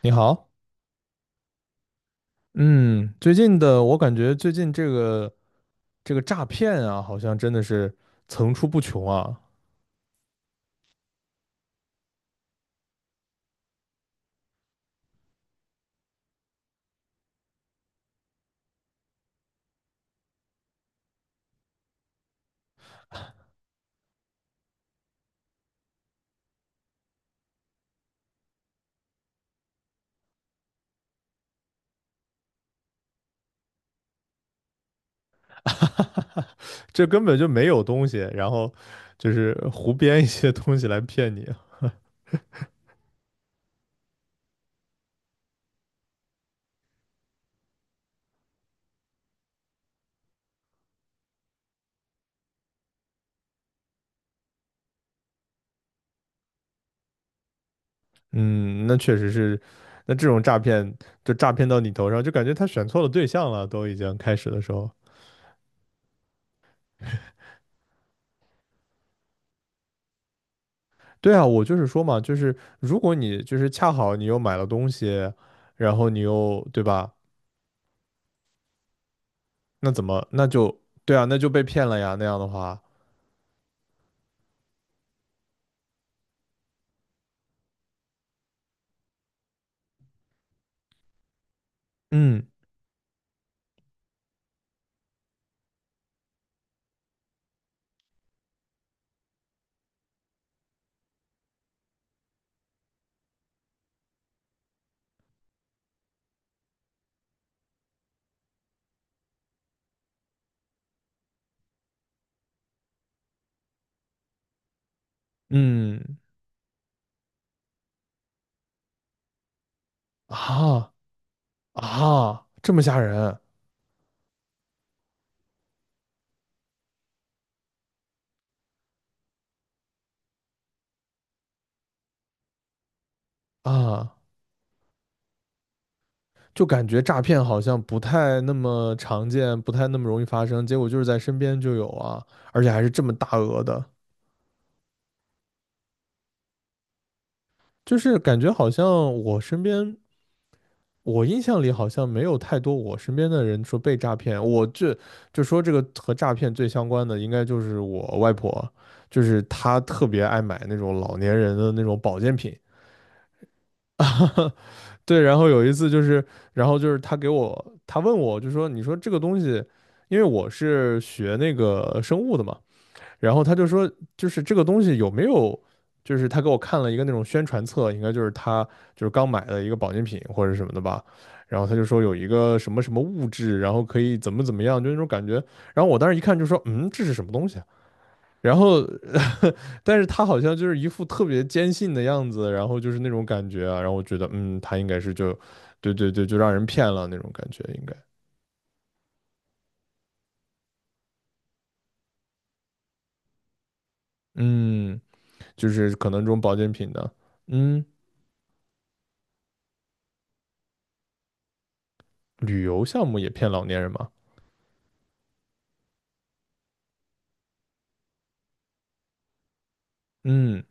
你好。嗯，最近的我感觉最近这个诈骗啊，好像真的是层出不穷啊。这根本就没有东西，然后就是胡编一些东西来骗你啊。嗯，那确实是，那这种诈骗就诈骗到你头上，就感觉他选错了对象了，都已经开始的时候。对啊，我就是说嘛，就是如果你就是恰好你又买了东西，然后你又，对吧？那怎么，那就，对啊，那就被骗了呀，那样的话。嗯。嗯，啊，啊，这么吓人啊！就感觉诈骗好像不太那么常见，不太那么容易发生，结果就是在身边就有啊，而且还是这么大额的，就是感觉好像我身边，我印象里好像没有太多我身边的人说被诈骗。我这就说这个和诈骗最相关的，应该就是我外婆，就是她特别爱买那种老年人的那种保健品。对，然后有一次就是，然后就是他给我，他问我，就说你说这个东西，因为我是学那个生物的嘛，然后他就说，就是这个东西有没有，就是他给我看了一个那种宣传册，应该就是他就是刚买的一个保健品或者什么的吧，然后他就说有一个什么什么物质，然后可以怎么怎么样，就那种感觉，然后我当时一看就说，嗯，这是什么东西啊？然后但是他好像就是一副特别坚信的样子，然后就是那种感觉啊，然后我觉得，嗯，他应该是就，对对对，就让人骗了那种感觉，应该。嗯，就是可能这种保健品的。嗯，旅游项目也骗老年人嘛。嗯，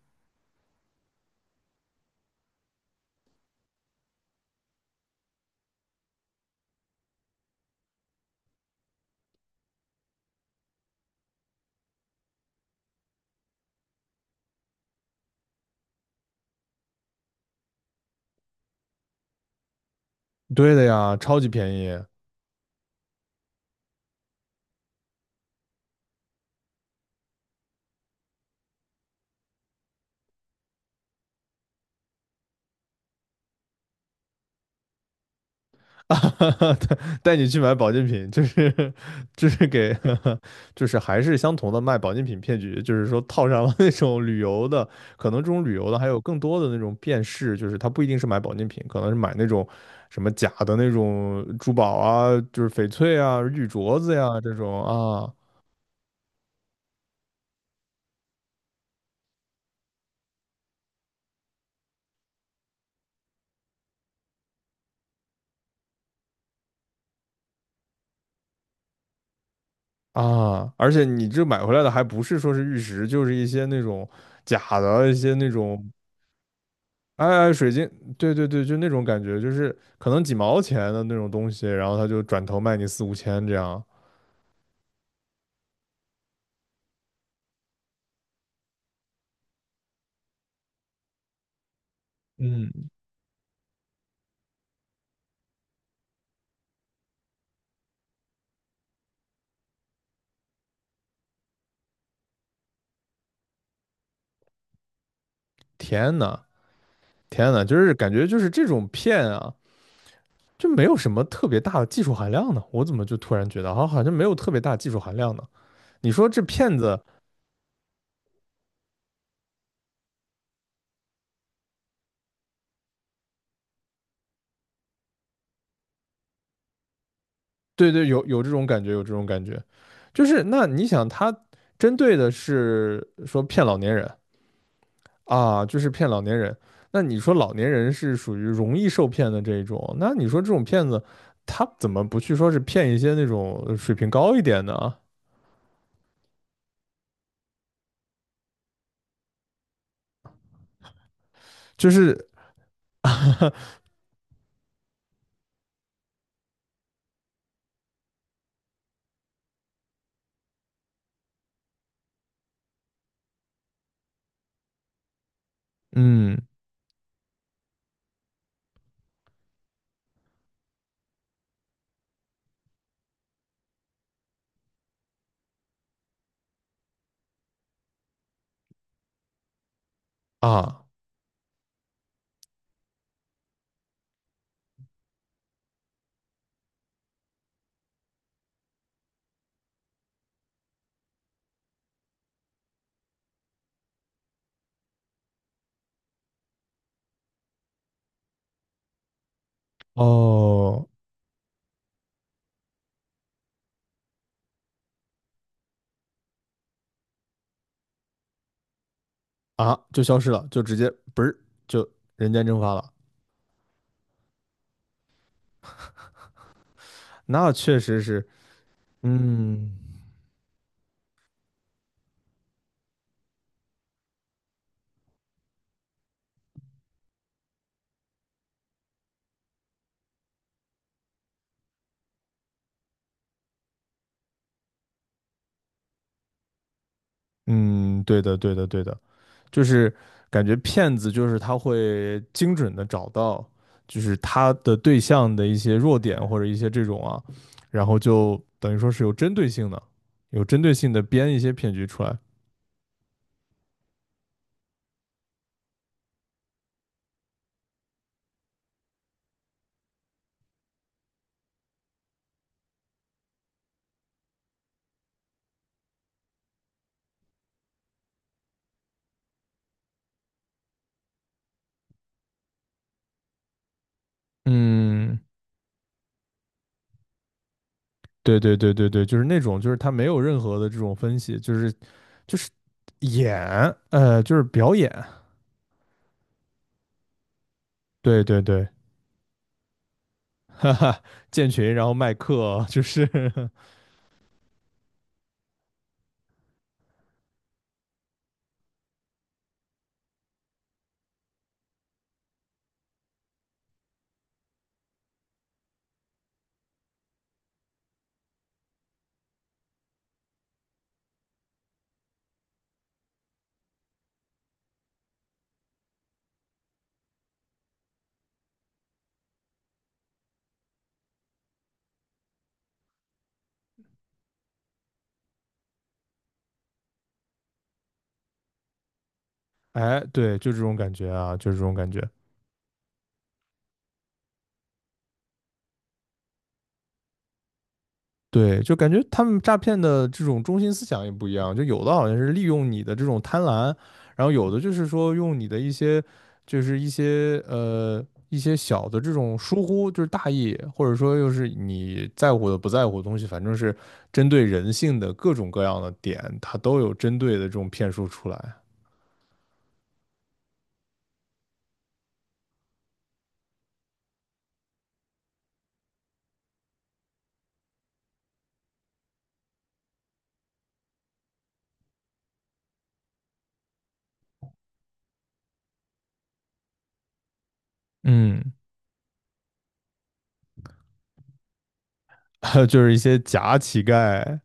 对的呀，超级便宜。带你去买保健品，就是就是给，就是还是相同的卖保健品骗局，就是说套上了那种旅游的，可能这种旅游的还有更多的那种辨识，就是他不一定是买保健品，可能是买那种什么假的那种珠宝啊，就是翡翠啊、玉镯子呀、这种啊。啊，而且你这买回来的还不是说是玉石，就是一些那种假的一些那种哎哎，水晶，对对对，就那种感觉，就是可能几毛钱的那种东西，然后他就转头卖你四五千这样。嗯，天呐，天呐，就是感觉就是这种骗啊，就没有什么特别大的技术含量呢。我怎么就突然觉得好，好像没有特别大技术含量呢？你说这骗子，对对，有有这种感觉，有这种感觉，就是那你想他针对的是说骗老年人，啊，就是骗老年人。那你说老年人是属于容易受骗的这一种，那你说这种骗子，他怎么不去说是骗一些那种水平高一点的啊？就是，嗯，啊，哦，啊，就消失了，就直接不是就人间蒸发了。那确实是。嗯，嗯，对的对的对的。就是感觉骗子就是他会精准的找到，就是他的对象的一些弱点或者一些这种啊，然后就等于说是有针对性的，有针对性的编一些骗局出来。嗯，对对对对对，就是那种就是他没有任何的这种分析，就是就是演，就是表演。对对对，哈哈，建群然后卖课，就是，哎，对，就这种感觉啊，就这种感觉。对，就感觉他们诈骗的这种中心思想也不一样，就有的好像是利用你的这种贪婪，然后有的就是说用你的一些，就是一些一些小的这种疏忽，就是大意，或者说又是你在乎的不在乎的东西，反正是针对人性的各种各样的点，它都有针对的这种骗术出来。嗯，就是一些假乞丐，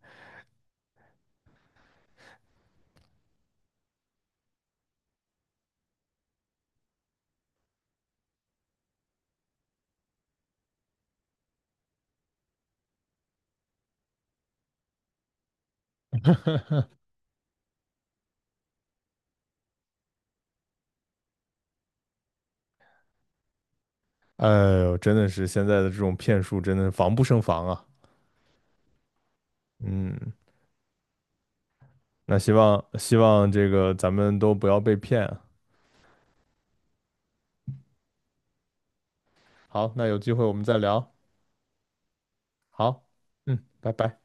哎呦，真的是现在的这种骗术真的防不胜防啊。嗯，那希望希望这个咱们都不要被骗啊。好，那有机会我们再聊。好，嗯，拜拜。